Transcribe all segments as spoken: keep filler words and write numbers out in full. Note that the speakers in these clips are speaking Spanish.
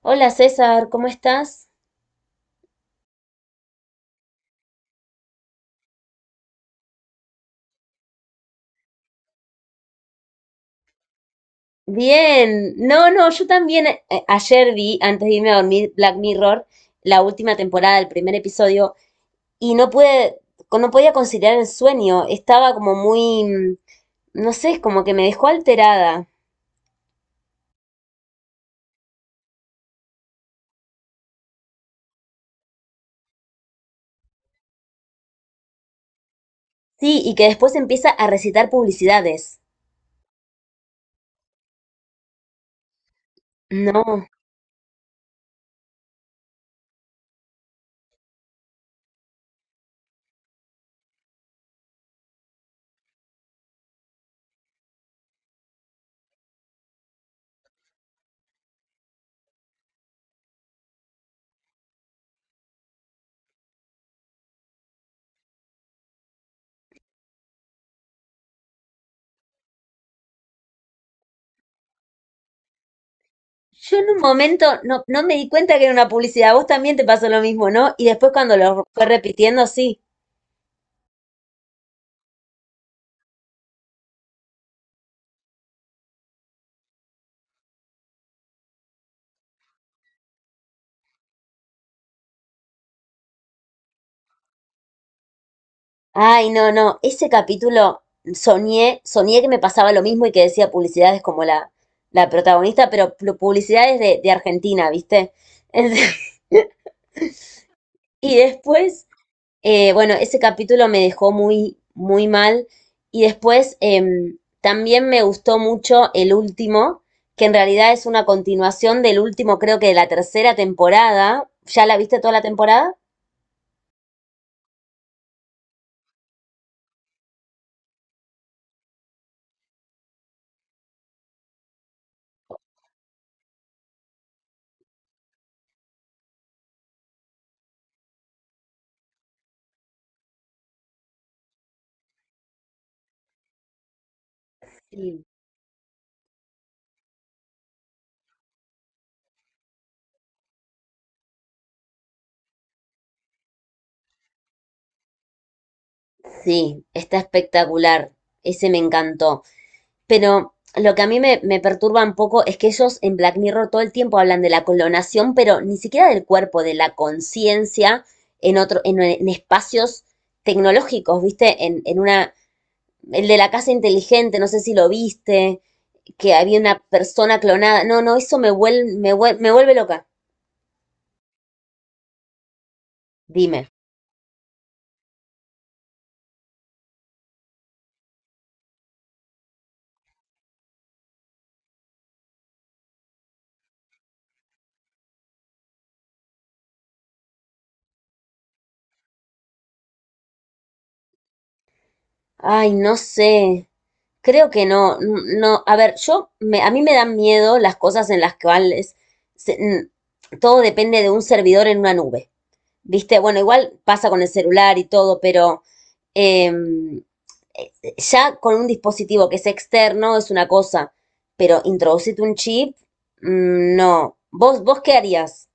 Hola César, ¿cómo estás? Bien, no, no, yo también eh, eh, ayer vi, antes de irme a dormir, Black Mirror, la última temporada, el primer episodio, y no pude, no podía conciliar el sueño, estaba como muy, mm, no sé, como que me dejó alterada. Sí, y que después empieza a recitar publicidades. No, yo en un momento no, no me di cuenta que era una publicidad, a vos también te pasó lo mismo, ¿no? Y después cuando lo fue repitiendo, sí. Ay, no, no, ese capítulo soñé, soñé que me pasaba lo mismo y que decía publicidades como la, la protagonista, pero pu- publicidades de, de Argentina, ¿viste? Y después, eh, bueno, ese capítulo me dejó muy, muy mal. Y después em, también me gustó mucho el último, que en realidad es una continuación del último, creo que de la tercera temporada. ¿Ya la viste toda la temporada? Sí. Sí, está espectacular. Ese me encantó. Pero lo que a mí me, me perturba un poco es que ellos en Black Mirror todo el tiempo hablan de la clonación, pero ni siquiera del cuerpo, de la conciencia en otro, en, en espacios tecnológicos, ¿viste? En, en una. El de la casa inteligente, no sé si lo viste, que había una persona clonada. No, no, eso me vuelve, me vuelve, me vuelve loca. Dime. Ay, no sé. Creo que no, no. A ver, yo, me, a mí me dan miedo las cosas en las cuales se- n- todo depende de un servidor en una nube. Viste, bueno, igual pasa con el celular y todo, pero em, eh, ya con un dispositivo que es externo es una cosa, pero introducirte un chip, mm, no. ¿Vos, vos qué harías?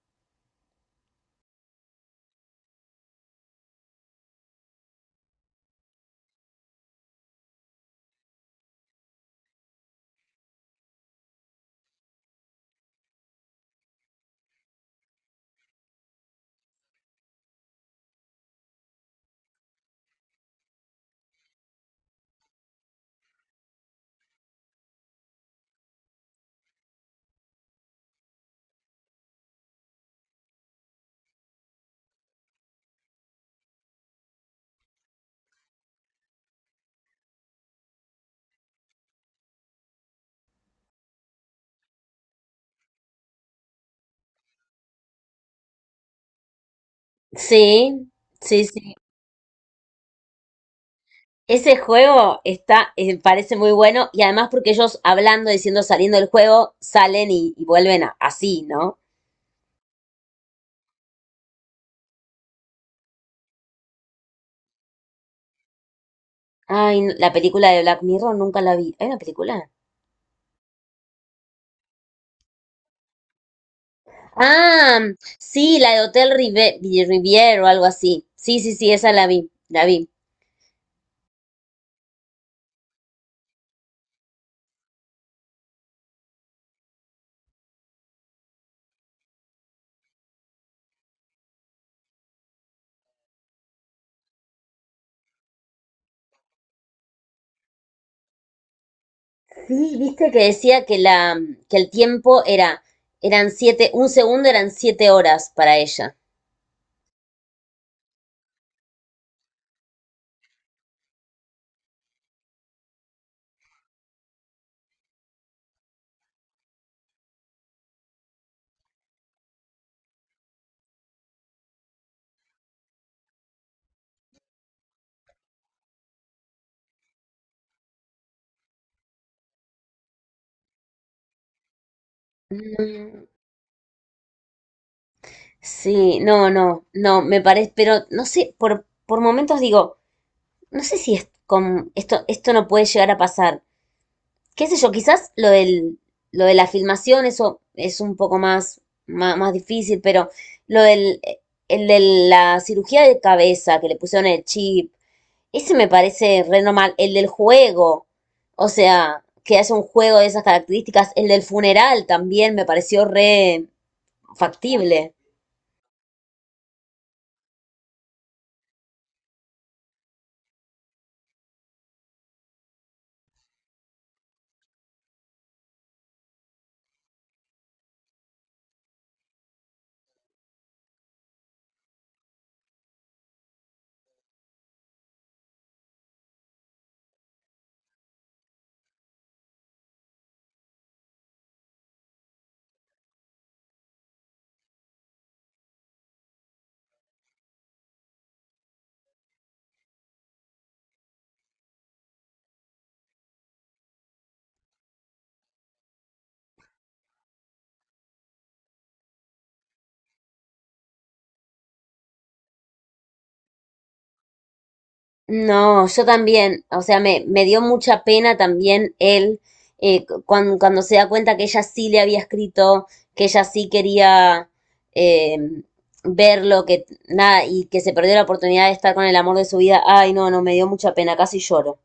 Sí, sí, sí. Ese juego está, eh, parece muy bueno y además porque ellos hablando, diciendo, saliendo del juego, salen y, y vuelven a- así, ¿no? Ay, no, la película de Black Mirror nunca la vi. ¿Hay una película? Ah, sí, la de Hotel Rive- Riviera o algo así. Sí, sí, sí, esa la vi, la vi. Sí, viste que decía que la, que el tiempo era, eran siete, un segundo eran siete horas para ella. Mm, Sí, no, no, no, me parece, pero no sé, por, por momentos digo, no sé si es con, esto, esto no puede llegar a pasar. Qué sé yo, quizás lo del, lo de la filmación, eso es un poco más, más, más difícil, pero lo del, el de la cirugía de cabeza que le pusieron el chip, ese me parece re normal. El del juego, o sea, que haya un juego de esas características, el del funeral también me pareció re factible. No, yo también, o sea, me, me dio mucha pena también él eh, cu- cuan- cuando, se da cuenta que ella sí le había escrito, que ella sí quería eh, verlo, que nada, y que se perdió la oportunidad de estar con el amor de su vida. Ay, no, no, me dio mucha pena, casi lloro.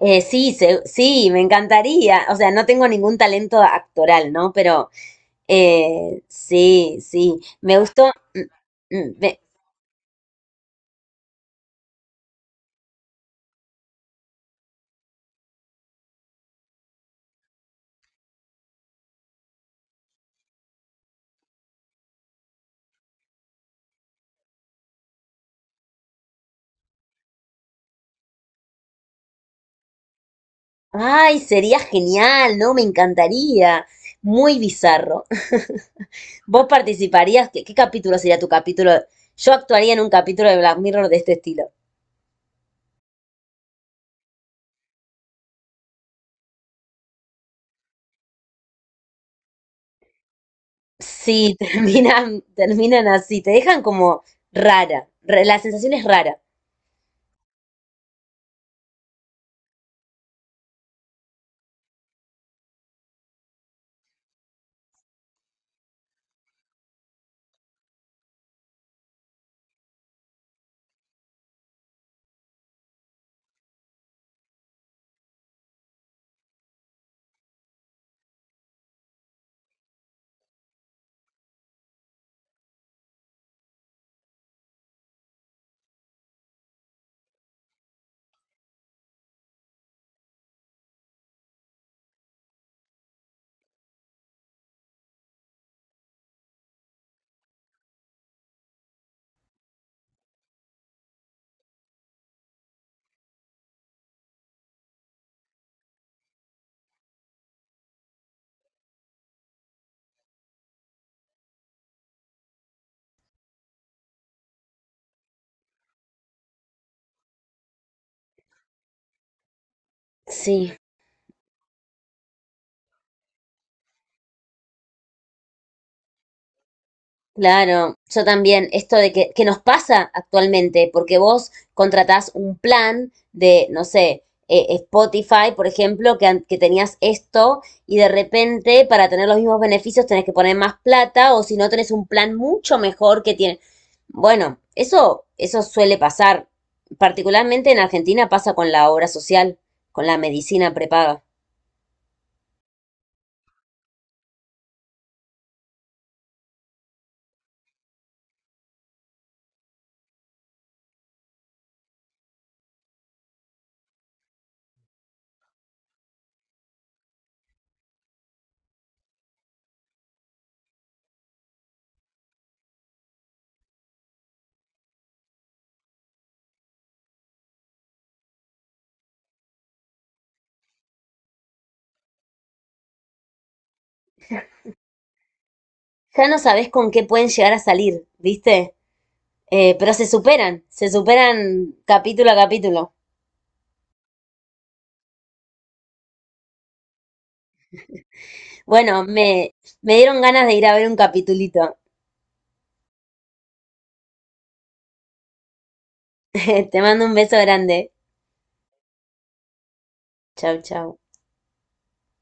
Eh, sí, se- sí, me encantaría. O sea, no tengo ningún talento actoral, ¿no? Pero eh, sí, sí, me gustó. mm, mm, me- Ay, sería genial, ¿no? Me encantaría. Muy bizarro. ¿Vos participarías? ¿Qué, qué capítulo sería tu capítulo? Yo actuaría en un capítulo de Black Mirror de este estilo. Sí, terminan, terminan así, te dejan como rara. Re- la sensación es rara. Sí. Claro, yo también, esto de que, que nos pasa actualmente, porque vos contratás un plan de, no sé, eh, Spotify, por ejemplo, que, an- que tenías esto y de repente para tener los mismos beneficios tenés que poner más plata o si no tenés un plan mucho mejor que tiene. Bueno, eso, eso suele pasar, particularmente en Argentina pasa con la obra social, con la medicina prepaga. Ya no sabés con qué pueden llegar a salir, ¿viste? Eh, pero se superan, se superan capítulo a capítulo. Bueno, me, me dieron ganas de ir a ver un capitulito. Te mando un beso grande. Chau, chau.